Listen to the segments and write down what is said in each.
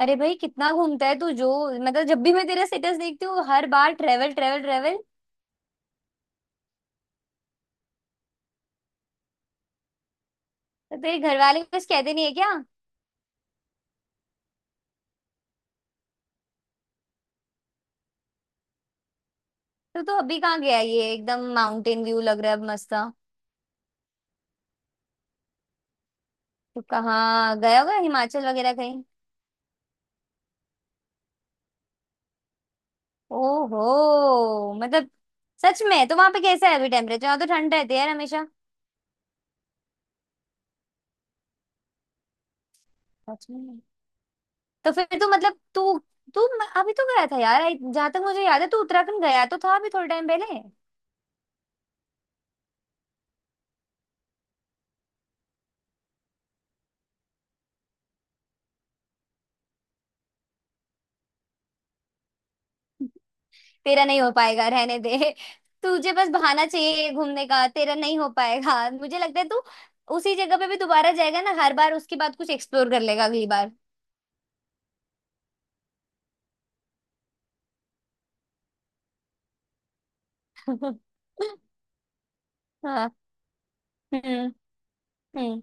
अरे भाई कितना घूमता है तू जो। मतलब जब भी मैं तेरा स्टेटस देखती हूँ हर बार ट्रेवल ट्रेवल ट्रेवल। तो तेरे घर वाले कुछ कहते नहीं है क्या? तो तू अभी कहाँ गया? ये एकदम माउंटेन व्यू लग रहा है अब मस्त सा। तू कहाँ गया होगा हिमाचल वगैरह कहीं? ओहो, मतलब सच में? तो वहां पे कैसा है अभी टेम्परेचर? वहां तो ठंड रहती है यार हमेशा। सच में। तो फिर तू मतलब तू तू म- अभी तो गया था यार, जहाँ तक मुझे याद है तू उत्तराखंड गया तो था अभी थोड़े टाइम पहले। तेरा नहीं हो पाएगा, रहने दे। तुझे बस बहाना चाहिए घूमने का, तेरा नहीं हो पाएगा मुझे लगता है। तू उसी जगह पे भी दोबारा जाएगा ना हर बार, उसके बाद कुछ एक्सप्लोर कर लेगा अगली बार। हाँ। हम्म। हम्म।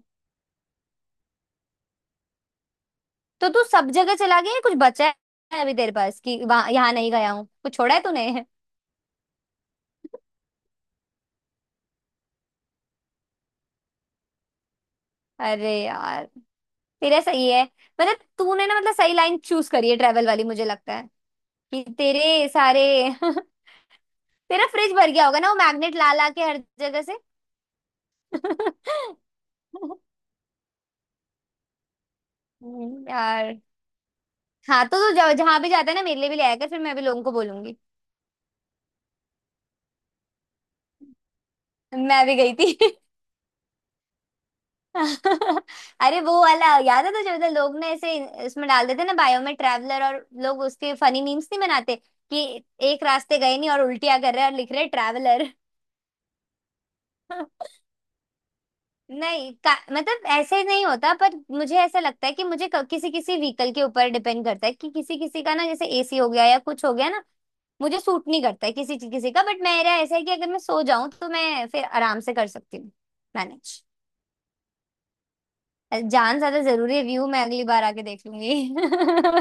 तो तू सब जगह चला गया है? कुछ बचा है अभी तेरे पास कि वहां यहाँ नहीं गया हूँ? कुछ छोड़ा है तूने? अरे यार तेरा सही है। मतलब तूने ना मतलब सही लाइन चूज करी है ट्रेवल वाली, मुझे लगता है कि तेरे सारे। तेरा फ्रिज भर गया होगा ना वो मैग्नेट ला ला के हर जगह से। हम्म। यार हाँ, तो जहाँ जहाँ भी जाता है ना मेरे लिए भी ले आया कर, फिर मैं भी लोगों को बोलूंगी मैं भी गई थी। अरे वो वाला याद है तुझे? मतलब लोग ना ऐसे इसमें डाल देते ना बायो में ट्रैवलर, और लोग उसके फनी मीम्स नहीं बनाते कि एक रास्ते गए नहीं और उल्टियां कर रहे हैं और लिख रहे ट्रैवलर। नहीं का, मतलब ऐसे नहीं होता, पर मुझे ऐसा लगता है कि मुझे किसी किसी व्हीकल के ऊपर डिपेंड करता है कि किसी किसी का ना, जैसे एसी हो गया या कुछ हो गया ना, मुझे सूट नहीं करता है किसी किसी का। बट मेरा ऐसा है कि अगर मैं सो जाऊं तो मैं फिर आराम से कर सकती हूँ। मैनेज। जान ज्यादा जरूरी है, व्यू मैं अगली बार आके देख लूंगी।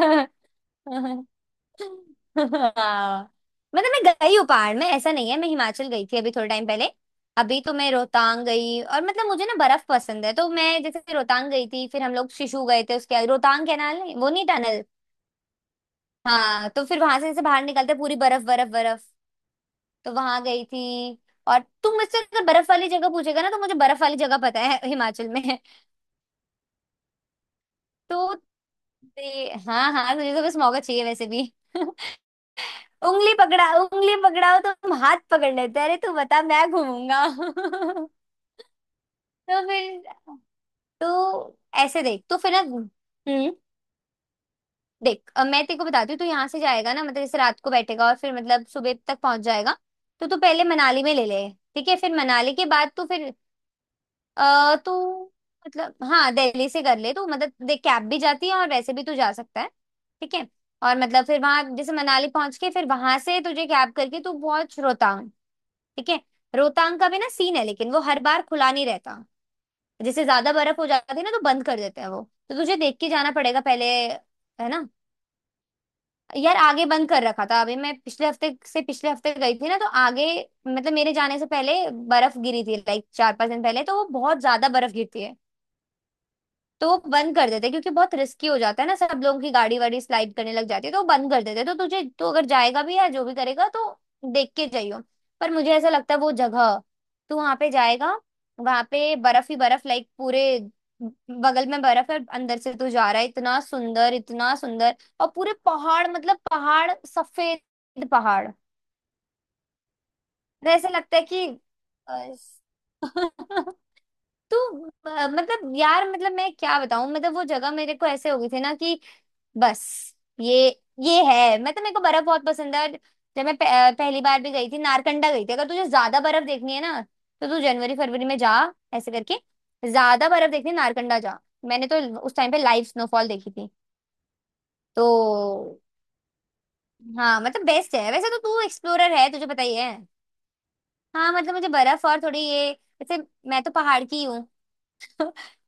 हाँ मतलब मैं गई हूँ पहाड़ में, ऐसा नहीं है। मैं हिमाचल गई थी अभी थोड़े टाइम पहले। अभी तो मैं रोहतांग गई, और मतलब मुझे ना बर्फ पसंद है, तो मैं जैसे रोहतांग गई थी फिर हम लोग शिशु गए थे उसके, रोहतांग कैनाल नहीं, वो नहीं, टनल। हाँ तो फिर वहां से जैसे बाहर निकलते पूरी बर्फ बर्फ बर्फ। तो वहां गई थी। और तुम मुझसे अगर बर्फ वाली जगह पूछेगा ना तो मुझे बर्फ वाली जगह पता है हिमाचल में। तो हाँ हाँ, तुझे तो बस मौका चाहिए वैसे भी। उंगली पकड़ा, उंगली पकड़ाओ तो हम हाथ पकड़ लेते हैं, अरे तू बता मैं घूमूंगा। तो फिर, तो ऐसे देख, तो फिर ना, हम्म। देख अब मैं तेरे को बताती हूँ, तू यहाँ से जाएगा ना मतलब जैसे रात को बैठेगा और फिर मतलब सुबह तक पहुंच जाएगा। तो तू पहले मनाली में ले ले। ठीक है, फिर मनाली के बाद तू फिर तो मतलब, हाँ दिल्ली से कर ले तो मतलब देख कैब भी जाती है और वैसे भी तू जा सकता है। ठीक है। और मतलब फिर वहां जैसे मनाली पहुंच के फिर वहां से तुझे कैब करके तू पहुंच रोहतांग। ठीक है। रोहतांग का भी ना सीन है, लेकिन वो हर बार खुला नहीं रहता। जैसे ज्यादा बर्फ हो जाती है ना तो बंद कर देते हैं वो। तो तुझे देख के जाना पड़ेगा पहले, है ना। यार आगे बंद कर रखा था अभी, मैं पिछले हफ्ते से, पिछले हफ्ते गई थी ना तो आगे, मतलब मेरे जाने से पहले बर्फ गिरी थी लाइक चार पांच दिन पहले, तो वो बहुत ज्यादा बर्फ गिरती है। तो वो बंद कर देते क्योंकि बहुत रिस्की हो जाता है ना, सब लोगों की गाड़ी वाड़ी स्लाइड करने लग जाती है तो वो बंद कर देते। तो तुझे तो अगर जाएगा भी या जो भी करेगा तो देख के जाइयो। पर मुझे ऐसा लगता है वो जगह, तू वहां पे जाएगा, वहां पे बर्फ ही बर्फ, लाइक पूरे बगल में बर्फ है, अंदर से तू जा रहा है, इतना सुंदर इतना सुंदर। और पूरे पहाड़, मतलब पहाड़ सफेद पहाड़। तो ऐसा लगता है कि अ, तो मतलब यार, मतलब मैं क्या बताऊं, मतलब वो जगह मेरे को ऐसे हो गई थी ना कि बस, ये है। मैं तो, मेरे को बर्फ बहुत पसंद है। और जब मैं पहली बार भी गई थी नारकंडा गई थी। अगर तुझे ज्यादा बर्फ देखनी है ना तो तू जनवरी फरवरी में जा, ऐसे करके। ज्यादा बर्फ देखनी है नारकंडा जा। मैंने तो उस टाइम पे लाइव स्नोफॉल देखी थी। तो हाँ मतलब बेस्ट है, वैसे तो तू एक्सप्लोरर है, तुझे पता ही है। हाँ मतलब मुझे बर्फ और थोड़ी ये, जैसे मैं तो पहाड़ की हूँ,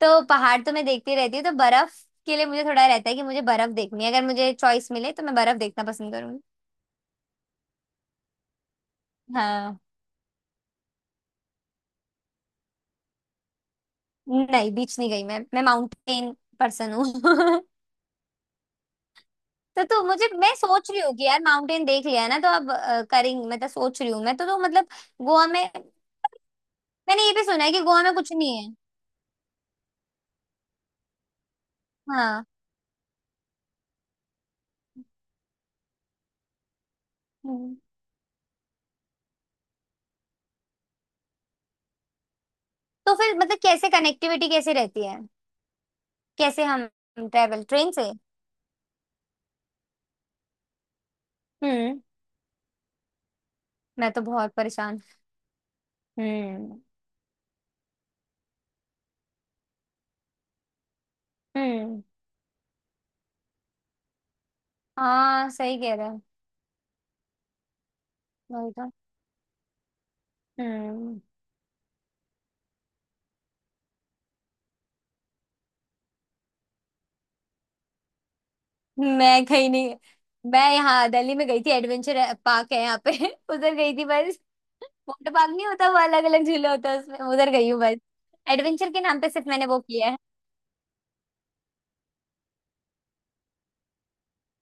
तो पहाड़ तो मैं देखती रहती हूँ, तो बर्फ के लिए मुझे थोड़ा रहता है कि मुझे बर्फ देखनी है। अगर मुझे चॉइस मिले तो मैं बर्फ देखना पसंद करूंगी। हाँ। नहीं, बीच नहीं गई मैं माउंटेन पर्सन हूँ। तो तू मुझे, मैं सोच रही हूँ कि यार माउंटेन देख लिया है ना, तो अब करेंगे मतलब, सोच रही हूँ मैं तो मतलब गोवा में, मैंने ये भी सुना है कि गोवा में कुछ नहीं है। हाँ। हम्म। तो फिर मतलब कैसे कनेक्टिविटी कैसे रहती है? कैसे हम ट्रेवल, ट्रेन से? हम्म। मैं तो बहुत परेशान। हम्म। हम्म। हाँ, सही कह रहा है। वही तो। हम्म। मैं गई नहीं। मैं यहाँ दिल्ली में गई थी, एडवेंचर पार्क है यहाँ पे। उधर गई थी बस। वाटर पार्क नहीं होता, वो अलग अलग झूले होते हैं उसमें, उधर गई हूँ बस। एडवेंचर के नाम पे सिर्फ मैंने वो किया है।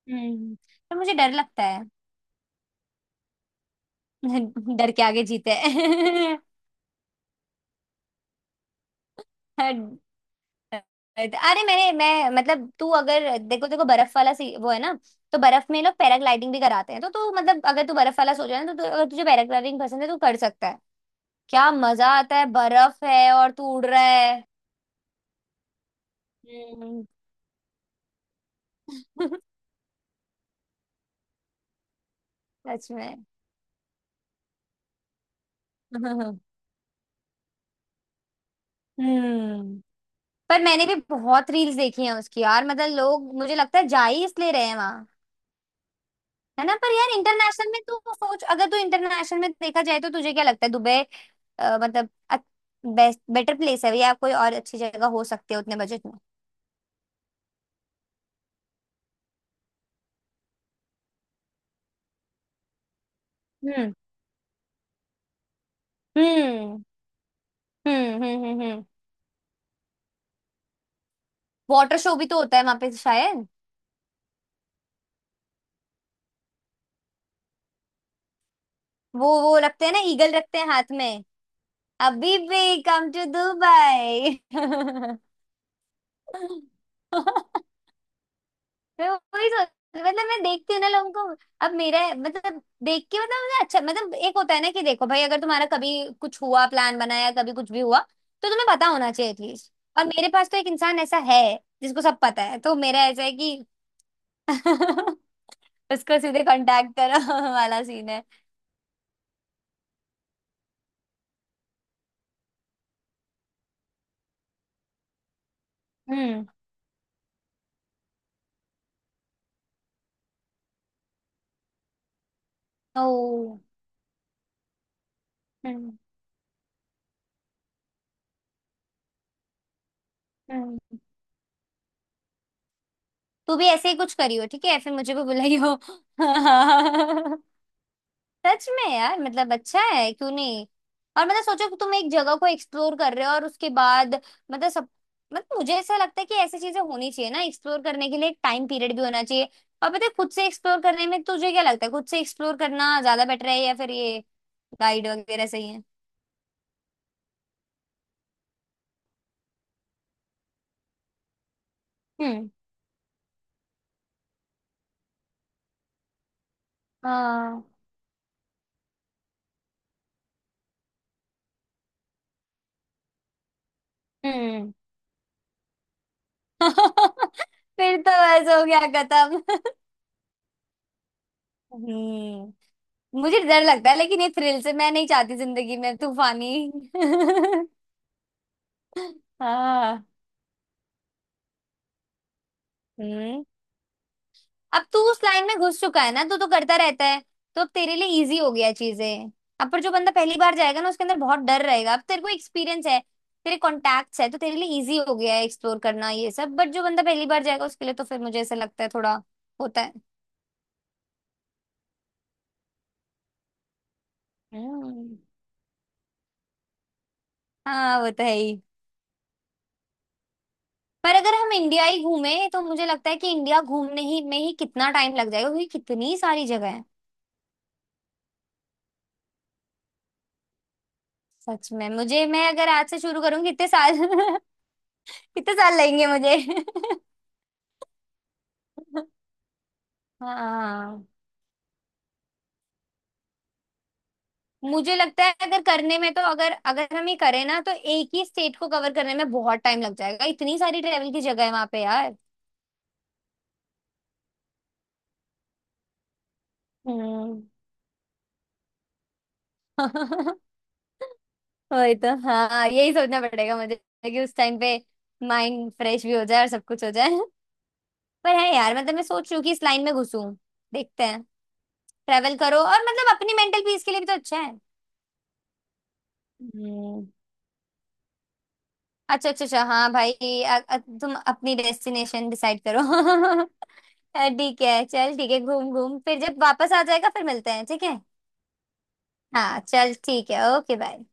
हम्म। तो मुझे डर लगता है। डर के आगे जीते हैं। अरे, मैंने, मैं मतलब, तू अगर, देखो देखो बर्फ वाला सी वो है ना, तो बर्फ में लोग पैराग्लाइडिंग भी कराते हैं। तो तू, मतलब अगर तू बर्फ वाला सोच रहा है ना तो तू, अगर तुझे पैराग्लाइडिंग पसंद है तो कर सकता है। क्या मजा आता है, बर्फ है और तू उड़ रहा है। हम्म। सच में। हम्म। पर मैंने भी बहुत रील्स देखी हैं उसकी यार, मतलब लोग, मुझे लगता है जा ही इसलिए रहे हैं वहां। है ना? पर यार इंटरनेशनल में तू सोच, अगर तू इंटरनेशनल में देखा जाए तो तुझे क्या लगता है, दुबई मतलब बेस्ट, बेटर प्लेस है, या कोई और अच्छी जगह हो सकती है उतने बजट में? हम्म। हम्म। हम्म। हम्म। हम्म। वाटर शो भी तो होता है वहां पे शायद। वो रखते हैं ना, ईगल रखते हैं हाथ में। अभी भी कम टू दुबई। मैं वही सोच, मतलब मैं देखती हूँ ना लोगों को, अब मेरा मतलब देख के, मतलब मुझे अच्छा, मतलब एक होता है ना कि देखो भाई, अगर तुम्हारा कभी कुछ हुआ, प्लान बनाया, कभी कुछ भी हुआ, तो तुम्हें पता होना चाहिए एटलीस्ट। और मेरे पास तो एक इंसान ऐसा है जिसको सब पता है, तो मेरा ऐसा है कि उसको सीधे कांटेक्ट करो। वाला सीन है। हम्म। ओ। हम्म। हम्म। तू भी ऐसे ही कुछ करियो ठीक है, फिर मुझे भी बुलाइयो। सच में यार, मतलब अच्छा है, क्यों नहीं। और मतलब सोचो कि तुम एक जगह को एक्सप्लोर कर रहे हो और उसके बाद, मतलब सब, मतलब मुझे ऐसा लगता है कि ऐसी चीजें होनी चाहिए ना एक्सप्लोर करने के लिए, एक टाइम पीरियड भी होना चाहिए। और पता है, खुद से एक्सप्लोर करने में तुझे क्या लगता है? खुद से एक्सप्लोर करना ज्यादा बेटर है, या फिर ये गाइड वगैरह सही है? हम्म। हाँ। हम्म। फिर तो ऐसा हो गया, खत्म। हम्म। मुझे डर लगता है, लेकिन ये थ्रिल से मैं नहीं चाहती जिंदगी में, तूफानी। हाँ। हम्म। अब तू उस लाइन में घुस चुका है ना, तू तो करता रहता है, तो अब तेरे लिए इजी हो गया चीजें। अब पर जो बंदा पहली बार जाएगा ना, उसके अंदर बहुत डर रहेगा। अब तेरे को एक्सपीरियंस है, तेरे कॉन्टैक्ट्स है, तो तेरे लिए इजी हो गया है एक्सप्लोर करना ये सब, बट जो बंदा पहली बार जाएगा उसके लिए तो फिर मुझे ऐसा लगता है थोड़ा होता है। हम्म। हाँ वो तो है ही। पर अगर हम इंडिया ही घूमे तो मुझे लगता है कि इंडिया घूमने ही में ही कितना टाइम लग जाएगा, क्योंकि कितनी सारी जगह है। सच में मुझे, मैं अगर आज से शुरू करूंगी इतने साल। कितने साल लगेंगे मुझे? हाँ। मुझे लगता है अगर करने में, तो अगर अगर हम ये करें ना तो एक ही स्टेट को कवर करने में बहुत टाइम लग जाएगा, इतनी सारी ट्रेवल की जगह है वहां पे यार। हम्म। वही तो। हाँ, यही सोचना पड़ेगा मुझे कि उस टाइम पे माइंड फ्रेश भी हो जाए और सब कुछ हो जाए। पर है यार, मतलब मैं सोच रही हूँ कि इस लाइन में घुसूं, देखते हैं। ट्रेवल करो, और मतलब अपनी मेंटल पीस के लिए भी तो अच्छा। हम्म। अच्छा, अच्छा, अच्छा, हाँ भाई, तुम अपनी डेस्टिनेशन डिसाइड करो। ठीक है, चल ठीक है, घूम घूम फिर, जब वापस आ जाएगा फिर मिलते हैं, ठीक है। हाँ चल ठीक है, ओके बाय।